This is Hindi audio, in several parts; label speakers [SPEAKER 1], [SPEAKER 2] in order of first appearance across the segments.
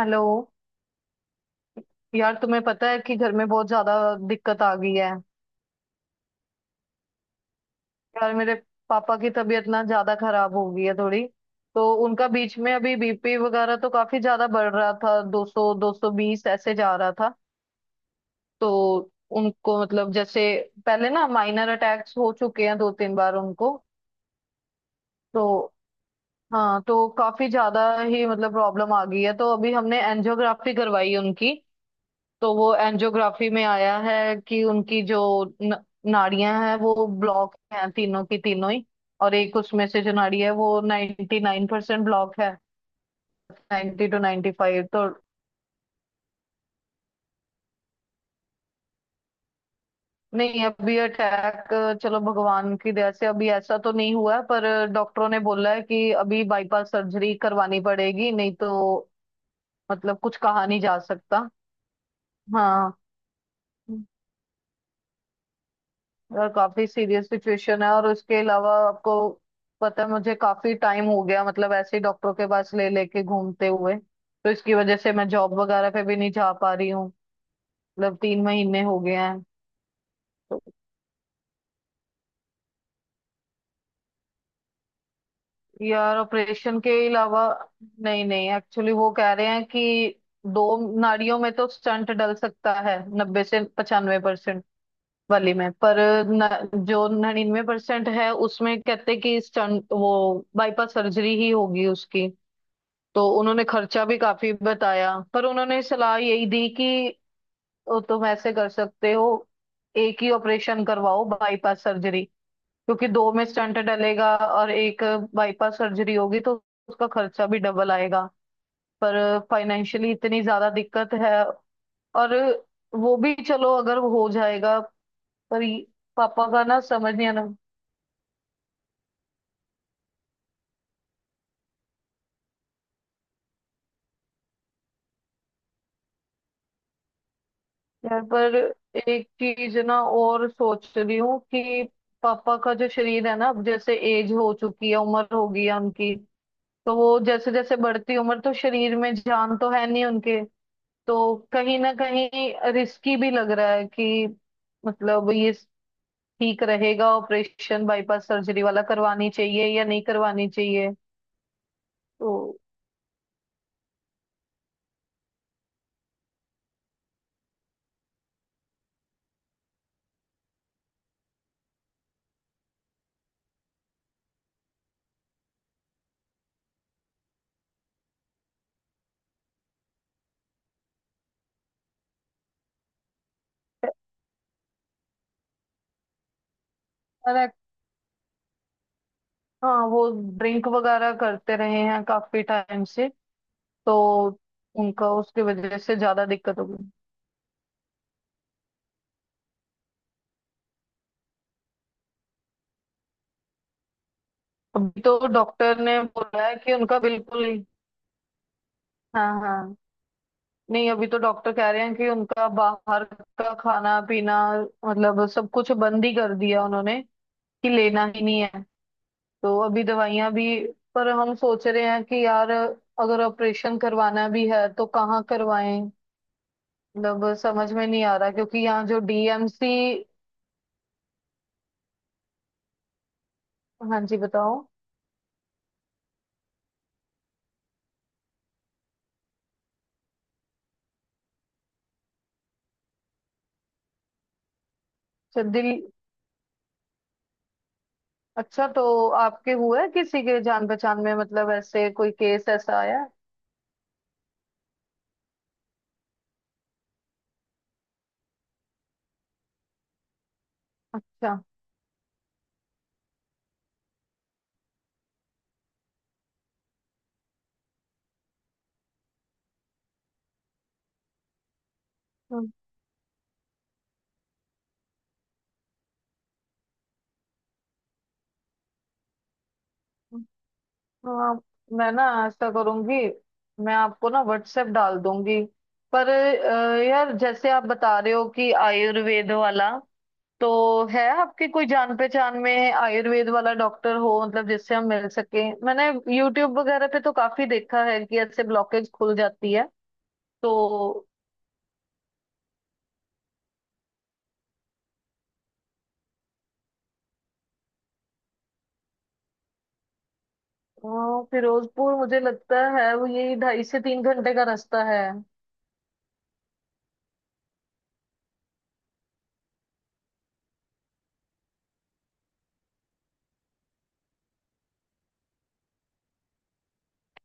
[SPEAKER 1] हेलो। यार तुम्हें पता है कि घर में बहुत ज्यादा दिक्कत आ गई है। यार मेरे पापा की तबीयत ना ज्यादा खराब हो गई है थोड़ी। तो उनका बीच में अभी बीपी वगैरह तो काफी ज्यादा बढ़ रहा था, 200 220 ऐसे जा रहा था। तो उनको मतलब जैसे पहले ना माइनर अटैक्स हो चुके हैं, दो तीन बार उनको। तो हाँ, तो काफी ज्यादा ही मतलब प्रॉब्लम आ गई है, तो अभी हमने एंजियोग्राफी करवाई उनकी। तो वो एंजियोग्राफी में आया है कि उनकी जो न, नाड़ियां हैं, वो ब्लॉक हैं, तीनों की तीनों ही। और एक उसमें से जो नाड़ी है वो 99% नाइन परसेंट ब्लॉक है, 90 टू 95 तो। नहीं, अभी अटैक, चलो भगवान की दया से अभी ऐसा तो नहीं हुआ है, पर डॉक्टरों ने बोला है कि अभी बाईपास सर्जरी करवानी पड़ेगी, नहीं तो मतलब कुछ कहा नहीं जा सकता। हाँ, यार काफी सीरियस सिचुएशन है, और उसके अलावा आपको पता है मुझे काफी टाइम हो गया मतलब ऐसे ही डॉक्टरों के पास ले लेके घूमते हुए, तो इसकी वजह से मैं जॉब वगैरह पे भी नहीं जा पा रही हूँ। मतलब 3 महीने हो गए हैं। तो यार ऑपरेशन के अलावा, नहीं नहीं, एक्चुअली वो कह रहे हैं कि दो नाड़ियों में तो स्टंट डल सकता है, 90 से 95% वाली में। पर न, जो 99% है उसमें कहते कि स्टंट वो, बाईपास सर्जरी ही होगी उसकी। तो उन्होंने खर्चा भी काफी बताया, पर उन्होंने सलाह यही दी कि "ओ, तुम ऐसे कर सकते हो, एक ही ऑपरेशन करवाओ बाईपास सर्जरी, क्योंकि दो में स्टंट डलेगा और एक बाईपास सर्जरी होगी तो उसका खर्चा भी डबल आएगा। पर फाइनेंशियली इतनी ज्यादा दिक्कत है। और वो भी चलो अगर वो हो जाएगा। पर पापा का ना समझ नहीं आना। यार पर एक चीज ना और सोच रही हूँ कि पापा का जो शरीर है ना, अब जैसे एज हो चुकी है, उम्र हो गई है उनकी। तो वो जैसे जैसे बढ़ती उम्र तो शरीर में जान तो है नहीं उनके। तो कहीं ना कहीं रिस्की भी लग रहा है कि मतलब ये ठीक रहेगा, ऑपरेशन बाईपास सर्जरी वाला करवानी चाहिए या नहीं करवानी चाहिए। तो और हाँ, वो ड्रिंक वगैरह करते रहे हैं काफी टाइम से, तो उनका उसकी वजह से ज्यादा दिक्कत हो गई। अभी तो डॉक्टर ने बोला है कि उनका बिल्कुल ही। हाँ हाँ। नहीं, अभी तो डॉक्टर कह रहे हैं कि उनका बाहर का खाना पीना मतलब सब कुछ बंद ही कर दिया उन्होंने, कि लेना ही नहीं है। तो अभी दवाइयां भी। पर हम सोच रहे हैं कि यार अगर ऑपरेशन करवाना भी है तो कहाँ करवाएं। मतलब समझ में नहीं आ रहा क्योंकि यहाँ जो डीएमसी। हाँ जी, बताओ। अच्छा दिल। अच्छा, तो आपके हुआ है किसी के जान पहचान में, मतलब ऐसे कोई केस ऐसा आया है? अच्छा। हम्म, हम्म। हाँ, मैं ना ऐसा करूंगी, मैं आपको ना व्हाट्सएप डाल दूंगी। पर यार जैसे आप बता रहे हो कि आयुर्वेद वाला, तो है आपके कोई जान पहचान में आयुर्वेद वाला डॉक्टर, हो मतलब जिससे हम मिल सके? मैंने यूट्यूब वगैरह पे तो काफी देखा है कि ऐसे ब्लॉकेज खुल जाती है। तो हाँ, फिरोजपुर मुझे लगता है वो यही ढाई से तीन घंटे का रास्ता है।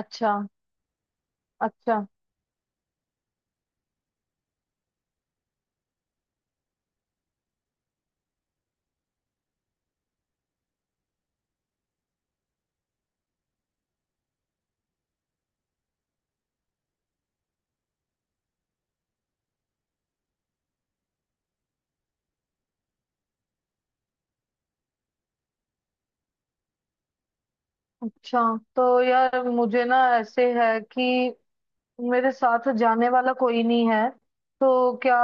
[SPEAKER 1] अच्छा। अच्छा। अच्छा, तो यार मुझे ना ऐसे है कि मेरे साथ जाने वाला कोई नहीं है, तो क्या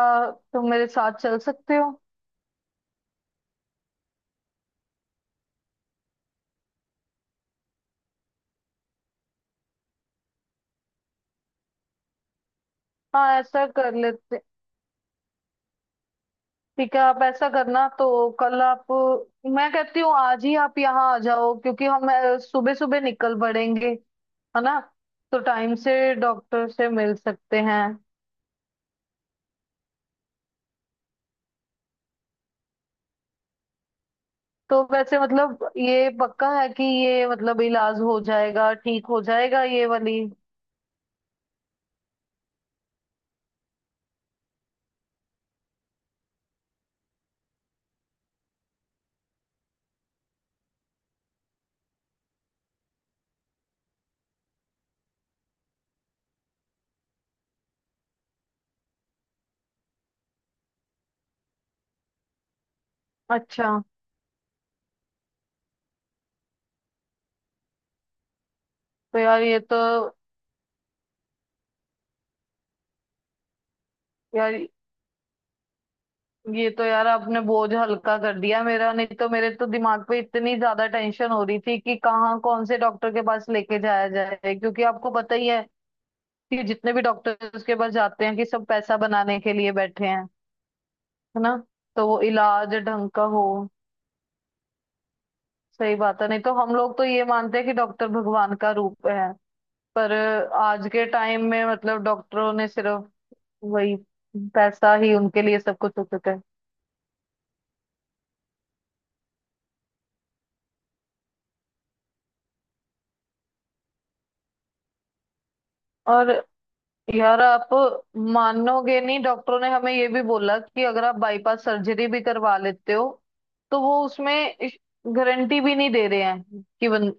[SPEAKER 1] तुम मेरे साथ चल सकते हो? हाँ, ऐसा कर लेते। ठीक है, आप ऐसा करना तो कल आप, मैं कहती हूँ आज ही आप यहाँ आ जाओ क्योंकि हम सुबह सुबह निकल पड़ेंगे, है ना? तो टाइम से डॉक्टर से मिल सकते हैं। तो वैसे मतलब ये पक्का है कि ये मतलब इलाज हो जाएगा, ठीक हो जाएगा ये वाली? अच्छा। तो यार ये तो यार ये तो यार आपने बोझ हल्का कर दिया मेरा, नहीं तो मेरे तो दिमाग पे इतनी ज्यादा टेंशन हो रही थी कि कहाँ कौन से डॉक्टर के पास लेके जाया जाए, क्योंकि आपको पता ही है कि जितने भी डॉक्टर्स के पास जाते हैं कि सब पैसा बनाने के लिए बैठे हैं, है ना? तो वो इलाज ढंग का हो, सही बात है। नहीं तो हम लोग तो ये मानते हैं कि डॉक्टर भगवान का रूप है, पर आज के टाइम में मतलब डॉक्टरों ने सिर्फ वही, पैसा ही उनके लिए सब कुछ हो चुका है। और यार आप मानोगे नहीं, डॉक्टरों ने हमें ये भी बोला कि अगर आप बाईपास सर्जरी भी करवा लेते हो तो वो उसमें गारंटी भी नहीं दे रहे हैं कि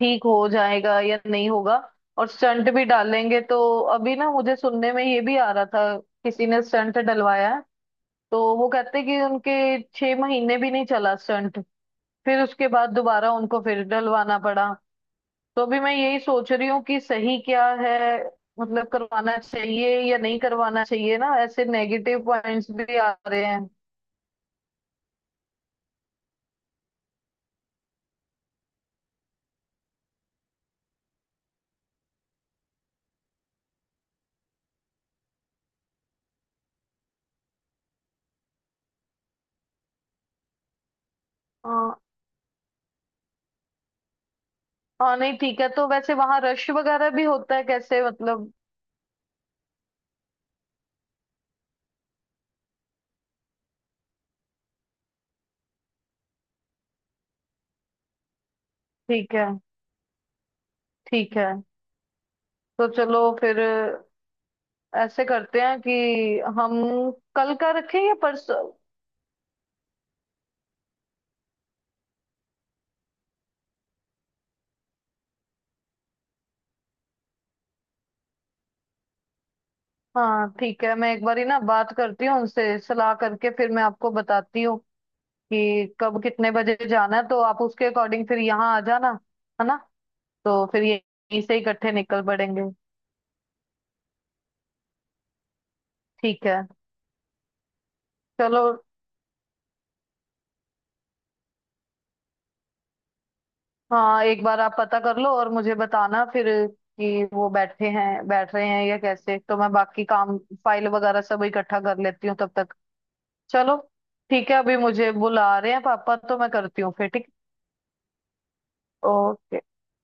[SPEAKER 1] ठीक हो जाएगा या नहीं होगा। और स्टंट भी डालेंगे तो अभी ना मुझे सुनने में ये भी आ रहा था, किसी ने स्टंट डलवाया है तो वो कहते कि उनके 6 महीने भी नहीं चला स्टंट, फिर उसके बाद दोबारा उनको फिर डलवाना पड़ा। तो अभी मैं यही सोच रही हूँ कि सही क्या है, मतलब करवाना चाहिए या नहीं करवाना चाहिए, ना ऐसे नेगेटिव पॉइंट्स भी आ रहे हैं। हाँ हाँ। नहीं ठीक है, तो वैसे वहां रश वगैरह भी होता है, कैसे मतलब? ठीक है। ठीक है, तो चलो फिर ऐसे करते हैं कि हम कल का रखें या परसों? हाँ ठीक है, मैं एक बारी ना बात करती हूँ उनसे, सलाह करके फिर मैं आपको बताती हूँ कि कब कितने बजे जाना है, तो आप उसके अकॉर्डिंग फिर यहाँ आ जाना, है ना? तो फिर यहीं से इकट्ठे निकल पड़ेंगे। ठीक है। चलो। हाँ, एक बार आप पता कर लो और मुझे बताना फिर कि वो बैठे हैं, बैठ रहे हैं या कैसे, तो मैं बाकी काम, फाइल वगैरह सब इकट्ठा कर लेती हूँ तब तक। चलो ठीक है, अभी मुझे बुला रहे हैं पापा, तो मैं करती हूँ फिर। ठीक। ओके।